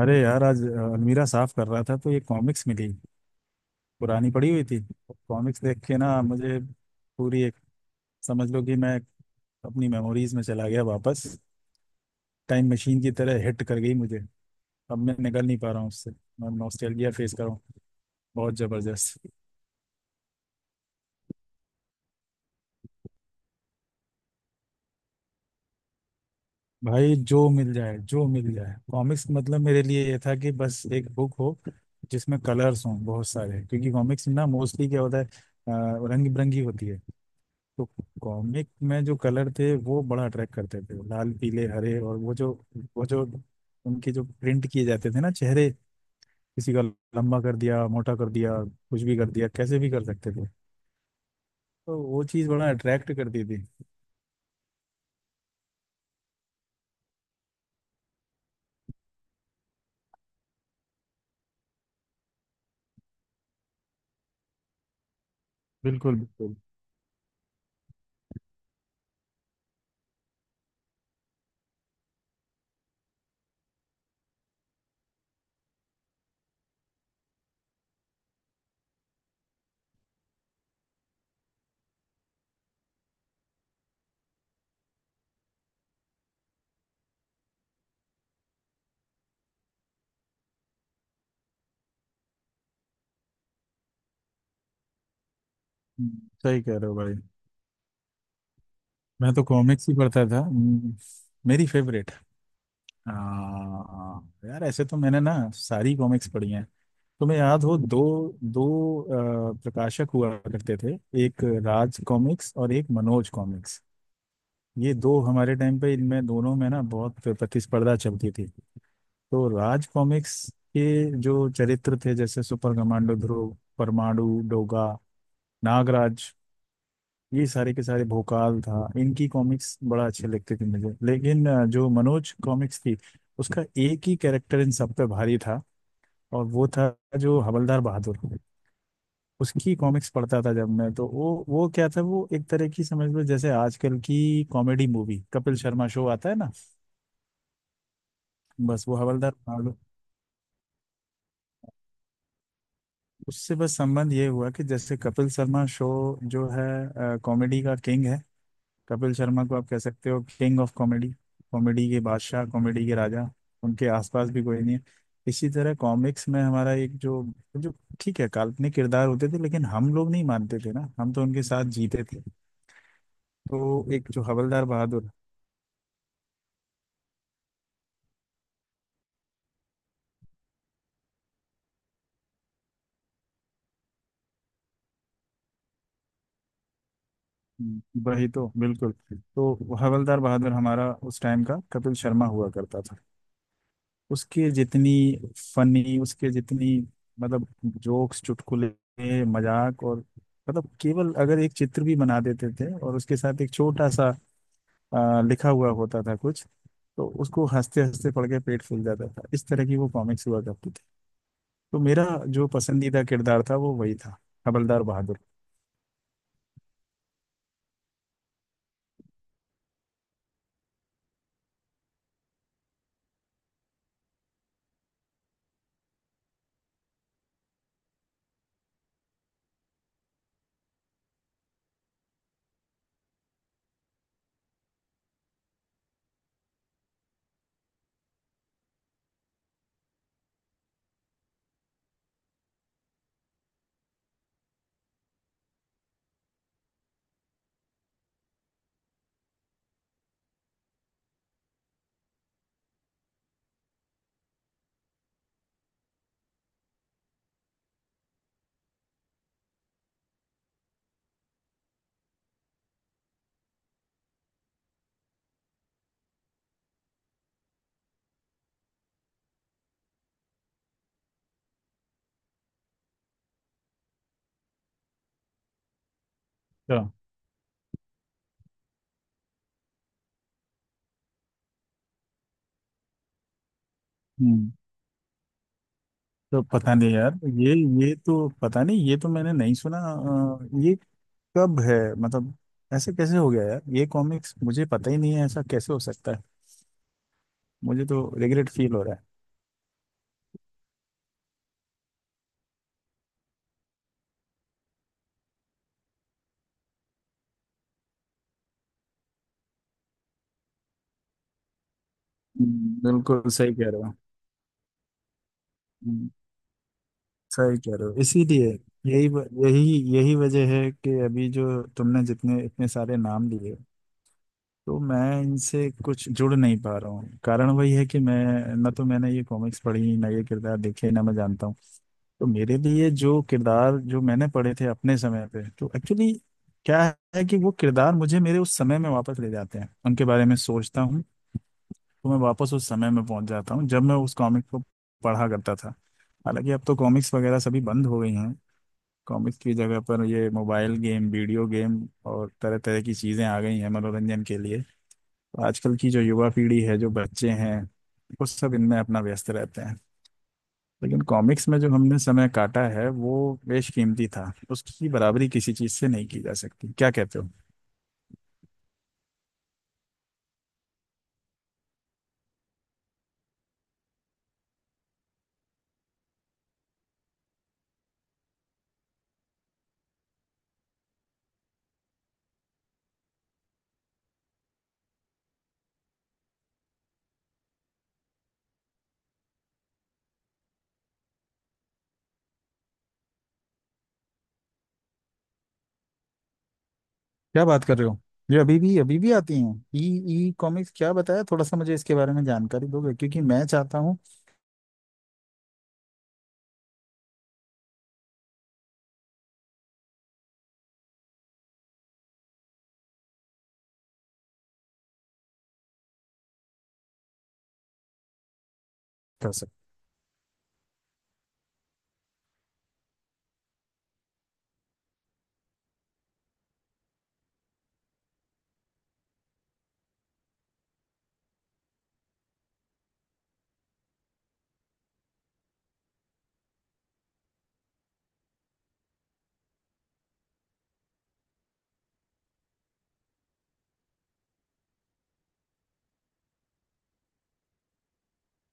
अरे यार आज अलमीरा साफ कर रहा था तो ये कॉमिक्स मिली। पुरानी पड़ी हुई थी। कॉमिक्स देख के ना मुझे पूरी एक समझ लो कि मैं अपनी मेमोरीज में चला गया वापस। टाइम मशीन की तरह हिट कर गई मुझे। अब मैं निकल नहीं पा रहा हूँ उससे। मैं नॉस्टैल्जिया फेस कर रहा हूँ। बहुत जबरदस्त। भाई जो मिल जाए कॉमिक्स मतलब मेरे लिए ये था कि बस एक बुक हो, जिसमें कलर्स हों बहुत सारे, क्योंकि कॉमिक्स ना मोस्टली क्या होता है, रंग बिरंगी होती है। तो कॉमिक में जो कलर थे वो बड़ा अट्रैक्ट करते थे, लाल पीले हरे, और वो जो उनके जो प्रिंट किए जाते थे ना चेहरे, किसी का लंबा कर दिया मोटा कर दिया कुछ भी कर दिया कैसे भी कर सकते थे। तो वो चीज़ बड़ा अट्रैक्ट करती थी। बिल्कुल बिल्कुल। सही कह रहे हो भाई। मैं तो कॉमिक्स ही पढ़ता था। मेरी फेवरेट आ, यार ऐसे तो मैंने ना सारी कॉमिक्स पढ़ी हैं। तुम्हें याद हो दो दो प्रकाशक हुआ करते थे, एक राज कॉमिक्स और एक मनोज कॉमिक्स। ये दो हमारे टाइम पे इनमें दोनों में ना बहुत प्रतिस्पर्धा चलती थी। तो राज कॉमिक्स के जो चरित्र थे जैसे सुपर कमांडो ध्रुव, परमाणु, डोगा, नागराज, ये सारे के सारे भोकाल था, इनकी कॉमिक्स बड़ा अच्छे लगते थे मुझे, लेकिन जो मनोज कॉमिक्स थी, उसका एक ही कैरेक्टर इन सब पे भारी था, और वो था जो हवलदार बहादुर। उसकी कॉमिक्स पढ़ता था जब मैं, तो वो क्या था, वो एक तरह की समझ लो जैसे आजकल की comedy movie Kapil Sharma show आता है ना, बस वो हवलदार पाल। उससे बस संबंध ये हुआ कि जैसे कपिल शर्मा शो जो है कॉमेडी का किंग है, कपिल शर्मा को आप कह सकते हो किंग ऑफ कॉमेडी, कॉमेडी के बादशाह, कॉमेडी के राजा, उनके आसपास भी कोई नहीं है। इसी तरह कॉमिक्स में हमारा एक जो जो ठीक है काल्पनिक किरदार होते थे, लेकिन हम लोग नहीं मानते थे ना, हम तो उनके साथ जीते थे। तो एक जो हवलदार बहादुर। वही तो बिल्कुल। तो हवलदार बहादुर हमारा उस टाइम का कपिल शर्मा हुआ करता था। उसके जितनी फनी, उसके जितनी मतलब जोक्स चुटकुले मजाक, और मतलब केवल अगर एक चित्र भी बना देते थे और उसके साथ एक छोटा सा लिखा हुआ होता था कुछ, तो उसको हंसते हंसते पढ़ के पेट फूल जाता था, इस तरह की वो कॉमिक्स हुआ करती थी। तो मेरा जो पसंदीदा किरदार था वो वही था, हवलदार बहादुर। अच्छा। हम्म, तो पता नहीं यार ये ये तो पता नहीं, ये तो मैंने नहीं सुना। ये कब है मतलब, ऐसे कैसे हो गया यार, ये कॉमिक्स मुझे पता ही नहीं है, ऐसा कैसे हो सकता है। मुझे तो रिग्रेट फील हो रहा है। बिल्कुल सही कह रहे हो। हम्म, सही कह रहे हो, इसीलिए यही यही वजह है कि अभी जो तुमने जितने इतने सारे नाम लिए, तो मैं इनसे कुछ जुड़ नहीं पा रहा हूँ। कारण वही है कि मैं ना, तो मैंने ये कॉमिक्स पढ़ी ना ये किरदार देखे ना मैं जानता हूँ। तो मेरे लिए जो किरदार जो मैंने पढ़े थे अपने समय पे, तो एक्चुअली क्या है कि वो किरदार मुझे मेरे उस समय में वापस ले जाते हैं, उनके बारे में सोचता हूँ तो मैं वापस उस समय में पहुंच जाता हूँ जब मैं उस कॉमिक को पढ़ा करता था। हालांकि अब तो कॉमिक्स वगैरह सभी बंद हो गई हैं। कॉमिक्स की जगह पर ये मोबाइल गेम, वीडियो गेम, और तरह तरह की चीज़ें आ गई हैं मनोरंजन के लिए। तो आजकल की जो युवा पीढ़ी है, जो बच्चे हैं, वो सब इनमें अपना व्यस्त रहते हैं। लेकिन कॉमिक्स में जो हमने समय काटा है वो बेशकीमती था, उसकी बराबरी किसी चीज से नहीं की जा सकती, क्या कहते हो। क्या बात कर रहे हो, ये अभी भी, अभी भी आती हैं ई। ई कॉमिक्स क्या बताया, थोड़ा सा मुझे इसके बारे में जानकारी दोगे क्योंकि मैं चाहता हूँ कर सकते।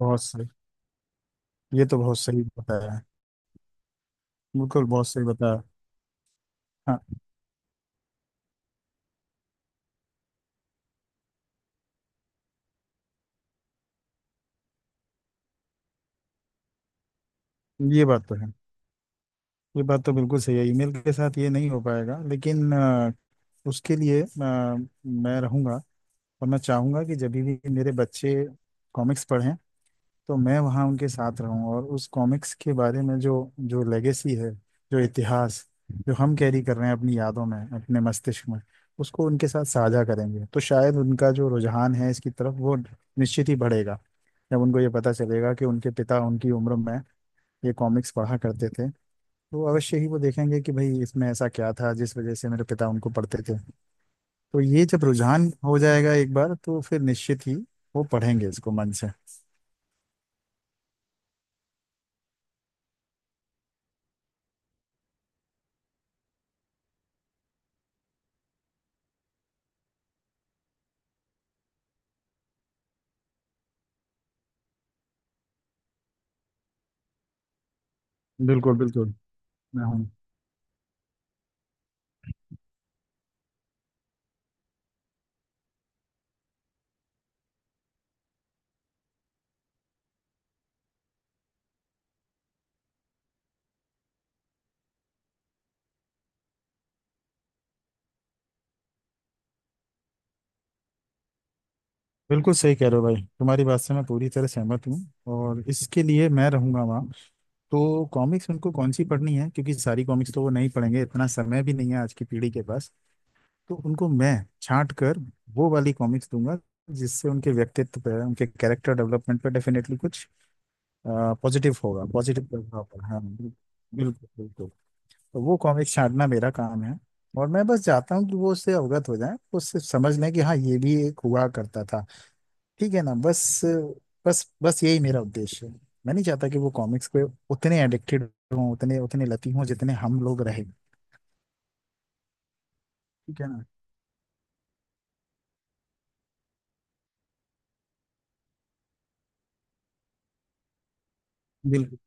बहुत सही। ये तो बहुत सही बताया है। बिल्कुल बहुत सही बताया। हाँ, ये बात तो है। ये बात तो बिल्कुल सही है, ईमेल के साथ ये नहीं हो पाएगा, लेकिन उसके लिए मैं रहूंगा। और मैं चाहूंगा कि जब भी मेरे बच्चे कॉमिक्स पढ़ें, तो मैं वहाँ उनके साथ रहूँ, और उस कॉमिक्स के बारे में जो जो लेगेसी है, जो इतिहास जो हम कैरी कर रहे हैं अपनी यादों में, अपने मस्तिष्क में, उसको उनके साथ साझा करेंगे। तो शायद उनका जो रुझान है इसकी तरफ वो निश्चित ही बढ़ेगा। जब उनको ये पता चलेगा कि उनके पिता उनकी उम्र में ये कॉमिक्स पढ़ा करते थे, तो अवश्य ही वो देखेंगे कि भाई इसमें ऐसा क्या था जिस वजह से मेरे पिता उनको पढ़ते थे। तो ये जब रुझान हो जाएगा एक बार, तो फिर निश्चित ही वो पढ़ेंगे इसको मन से। बिल्कुल बिल्कुल, मैं हूँ। बिल्कुल सही कह रहे हो भाई, तुम्हारी बात से मैं पूरी तरह सहमत हूँ, और इसके लिए मैं रहूंगा वहाँ। तो कॉमिक्स उनको कौन सी पढ़नी है, क्योंकि सारी कॉमिक्स तो वो नहीं पढ़ेंगे, इतना समय भी नहीं है आज की पीढ़ी के पास। तो उनको मैं छांट कर वो वाली कॉमिक्स दूंगा जिससे उनके व्यक्तित्व पर, उनके कैरेक्टर डेवलपमेंट पर डेफिनेटली कुछ पॉजिटिव होगा, पॉजिटिव प्रभाव पड़ा। हाँ बिल्कुल। बिल्कुल बिल्कुल। तो वो कॉमिक्स छांटना मेरा काम है, और मैं बस चाहता हूँ कि वो उससे अवगत हो जाए, उससे समझ लें कि हाँ ये भी एक हुआ करता था, ठीक है ना, बस, बस यही मेरा उद्देश्य है। मैं नहीं चाहता कि वो कॉमिक्स पे उतने एडिक्टेड हों, उतने उतने लती हों जितने हम लोग रहे। ठीक है ना। बिल्कुल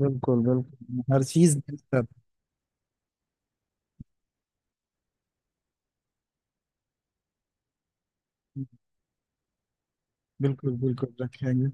बिल्कुल। बिल्कुल हर चीज। बिल्कुल बिल्कुल रखेंगे।